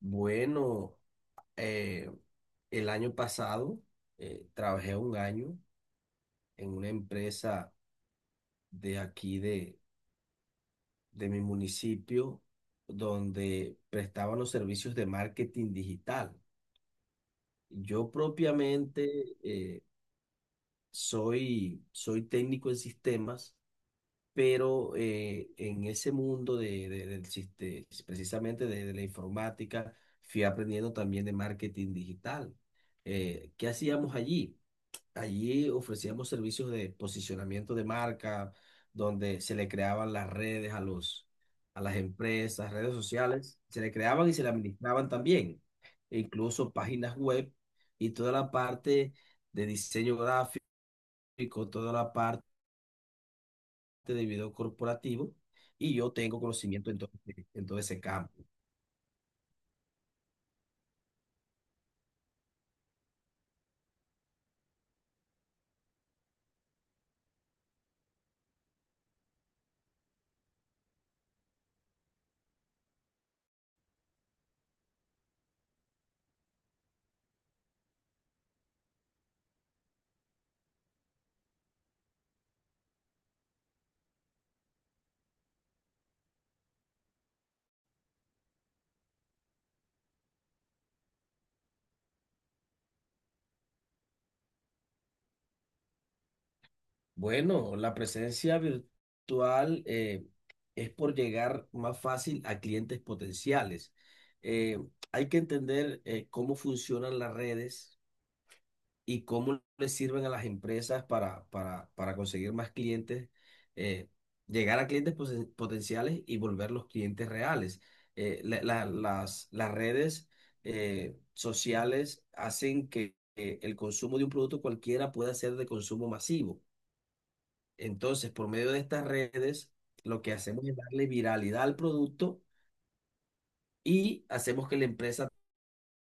Bueno, eh, el año pasado trabajé un año en una empresa de aquí de mi municipio donde prestaban los servicios de marketing digital. Yo propiamente soy técnico en sistemas, pero en ese mundo precisamente de la informática fui aprendiendo también de marketing digital. ¿Qué hacíamos allí? Allí ofrecíamos servicios de posicionamiento de marca, donde se le creaban las redes a las empresas, redes sociales, se le creaban y se le administraban también, e incluso páginas web y toda la parte de diseño gráfico, toda la parte de video corporativo, y yo tengo conocimiento en todo ese campo. Bueno, la presencia virtual es por llegar más fácil a clientes potenciales. Eh, hay que entender cómo funcionan las redes y cómo les sirven a las empresas para conseguir más clientes, eh, llegar a clientes potenciales y volverlos clientes reales. Las redes sociales hacen que el consumo de un producto cualquiera pueda ser de consumo masivo. Entonces, por medio de estas redes, lo que hacemos es darle viralidad al producto y hacemos que la empresa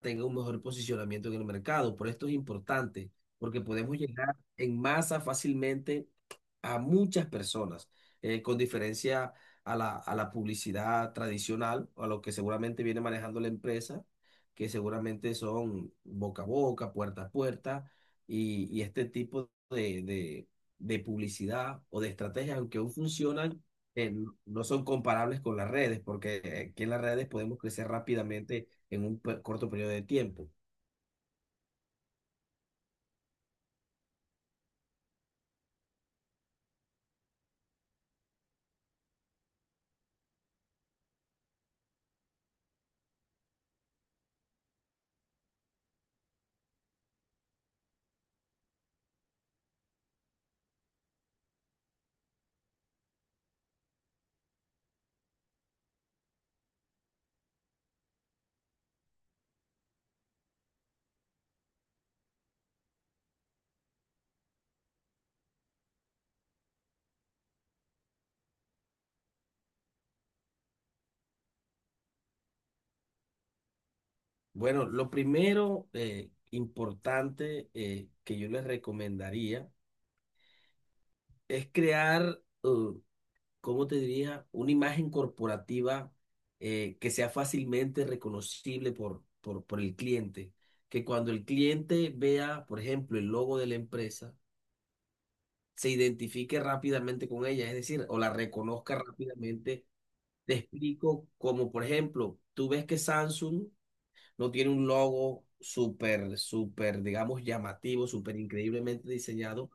tenga un mejor posicionamiento en el mercado. Por esto es importante, porque podemos llegar en masa fácilmente a muchas personas, con diferencia a la publicidad tradicional, a lo que seguramente viene manejando la empresa, que seguramente son boca a boca, puerta a puerta, y este tipo de publicidad o de estrategias, aunque aún funcionan, no son comparables con las redes, porque aquí en las redes podemos crecer rápidamente en un corto periodo de tiempo. Bueno, lo primero importante que yo les recomendaría es ¿cómo te diría? Una imagen corporativa que sea fácilmente reconocible por el cliente. Que cuando el cliente vea, por ejemplo, el logo de la empresa, se identifique rápidamente con ella, es decir, o la reconozca rápidamente. Te explico, como por ejemplo, tú ves que Samsung no tiene un logo digamos, llamativo, súper increíblemente diseñado.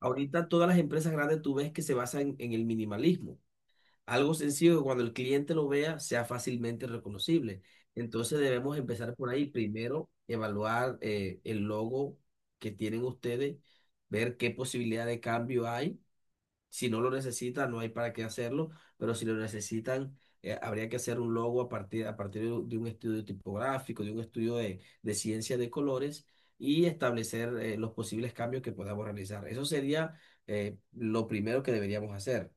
Ahorita todas las empresas grandes tú ves que se basan en el minimalismo. Algo sencillo que cuando el cliente lo vea sea fácilmente reconocible. Entonces debemos empezar por ahí. Primero, evaluar el logo que tienen ustedes, ver qué posibilidad de cambio hay si no lo necesitan, no hay para qué hacerlo, pero si lo necesitan, habría que hacer un logo a partir de un estudio tipográfico, de un estudio de ciencia de colores y establecer los posibles cambios que podamos realizar. Eso sería lo primero que deberíamos hacer.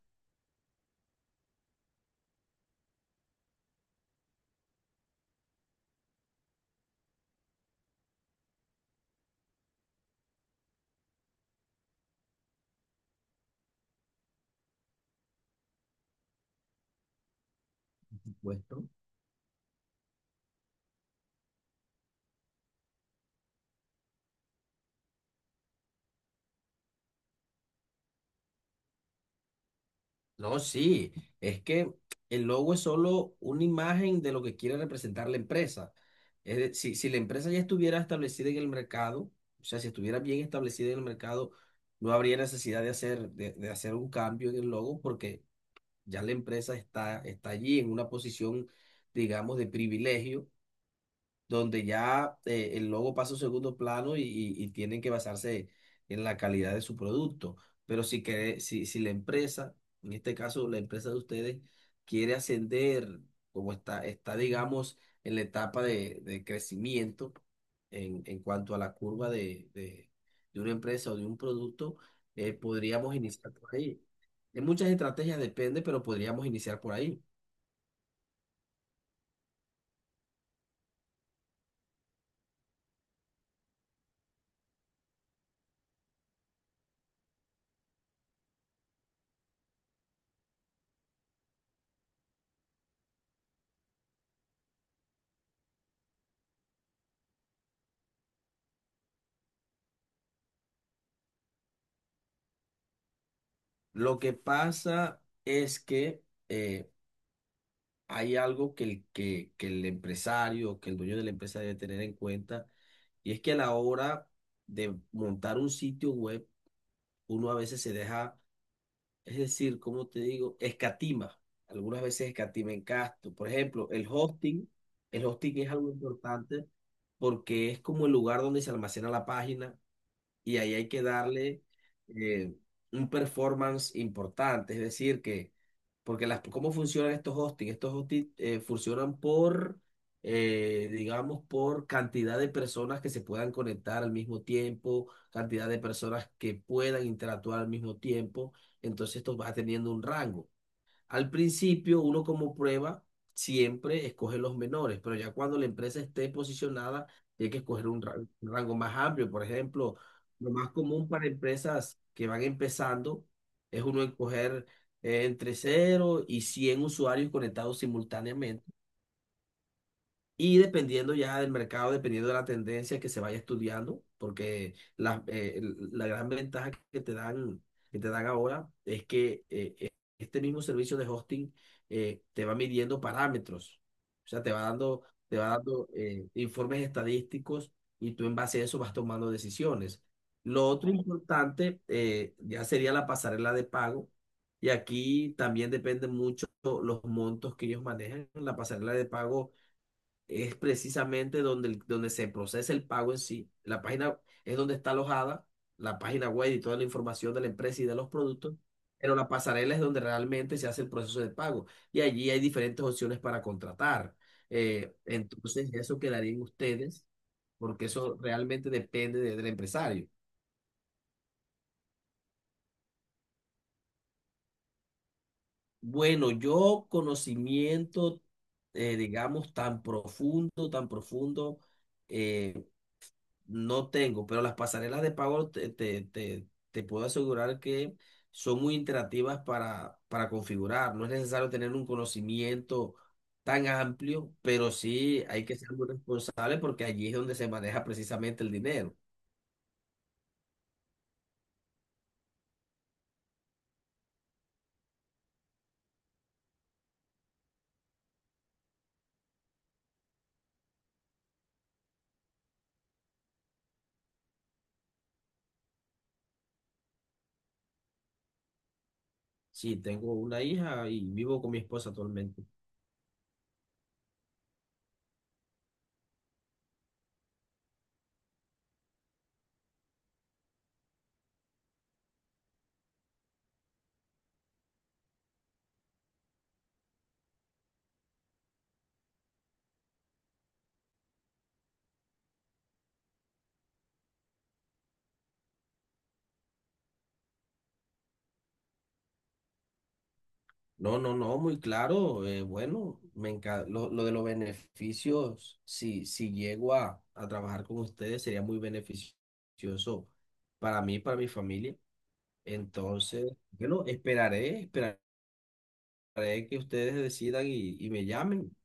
Supuesto. No, sí, es que el logo es solo una imagen de lo que quiere representar la empresa. Si, si la empresa ya estuviera establecida en el mercado, o sea, si estuviera bien establecida en el mercado, no habría necesidad de hacer un cambio en el logo porque ya la empresa está allí en una posición, digamos, de privilegio donde ya el logo pasa a un segundo plano y tienen que basarse en la calidad de su producto. Pero si la empresa, en este caso la empresa de ustedes, quiere ascender, como está, digamos, en la etapa de crecimiento en cuanto a la curva de una empresa o de un producto, podríamos iniciar por ahí. De muchas estrategias depende, pero podríamos iniciar por ahí. Lo que pasa es que... eh, hay algo que el empresario, que el dueño de la empresa debe tener en cuenta, y es que a la hora de montar un sitio web, uno a veces se deja, es decir, como te digo, escatima, algunas veces escatima en gasto. Por ejemplo, el hosting es algo importante porque es como el lugar donde se almacena la página, y ahí hay que darle eh, un performance importante, es decir, que, porque las, ¿cómo funcionan estos hosting? Estos hosting funcionan digamos, por cantidad de personas que se puedan conectar al mismo tiempo, cantidad de personas que puedan interactuar al mismo tiempo, entonces esto va teniendo un rango. Al principio, uno como prueba siempre escoge los menores, pero ya cuando la empresa esté posicionada, tiene que escoger un un rango más amplio. Por ejemplo, lo más común para empresas que van empezando es uno escoger entre cero y 100 usuarios conectados simultáneamente y dependiendo ya del mercado, dependiendo de la tendencia que se vaya estudiando, porque la gran ventaja que te dan ahora es que este mismo servicio de hosting te va midiendo parámetros, o sea, te va dando informes estadísticos y tú en base a eso vas tomando decisiones. Lo otro importante ya sería la pasarela de pago. Y aquí también depende mucho los montos que ellos manejan. La pasarela de pago es precisamente donde se procesa el pago en sí. La página es donde está alojada la página web y toda la información de la empresa y de los productos, pero la pasarela es donde realmente se hace el proceso de pago y allí hay diferentes opciones para contratar. Entonces, eso quedaría en ustedes, porque eso realmente depende del empresario. Bueno, yo conocimiento, digamos, tan profundo, tan profundo, eh, no tengo, pero las pasarelas de pago te puedo asegurar que son muy interactivas para configurar. No es necesario tener un conocimiento tan amplio, pero sí hay que ser muy responsable porque allí es donde se maneja precisamente el dinero. Sí, tengo una hija y vivo con mi esposa actualmente. No, no, no, muy claro. Eh, bueno, me encanta. Lo de los beneficios, si, si llego a trabajar con ustedes, sería muy beneficioso para mí, para mi familia. Entonces, bueno, esperaré, esperaré que ustedes decidan y me llamen.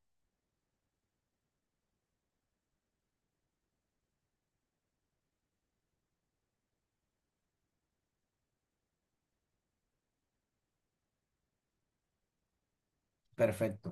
Perfecto.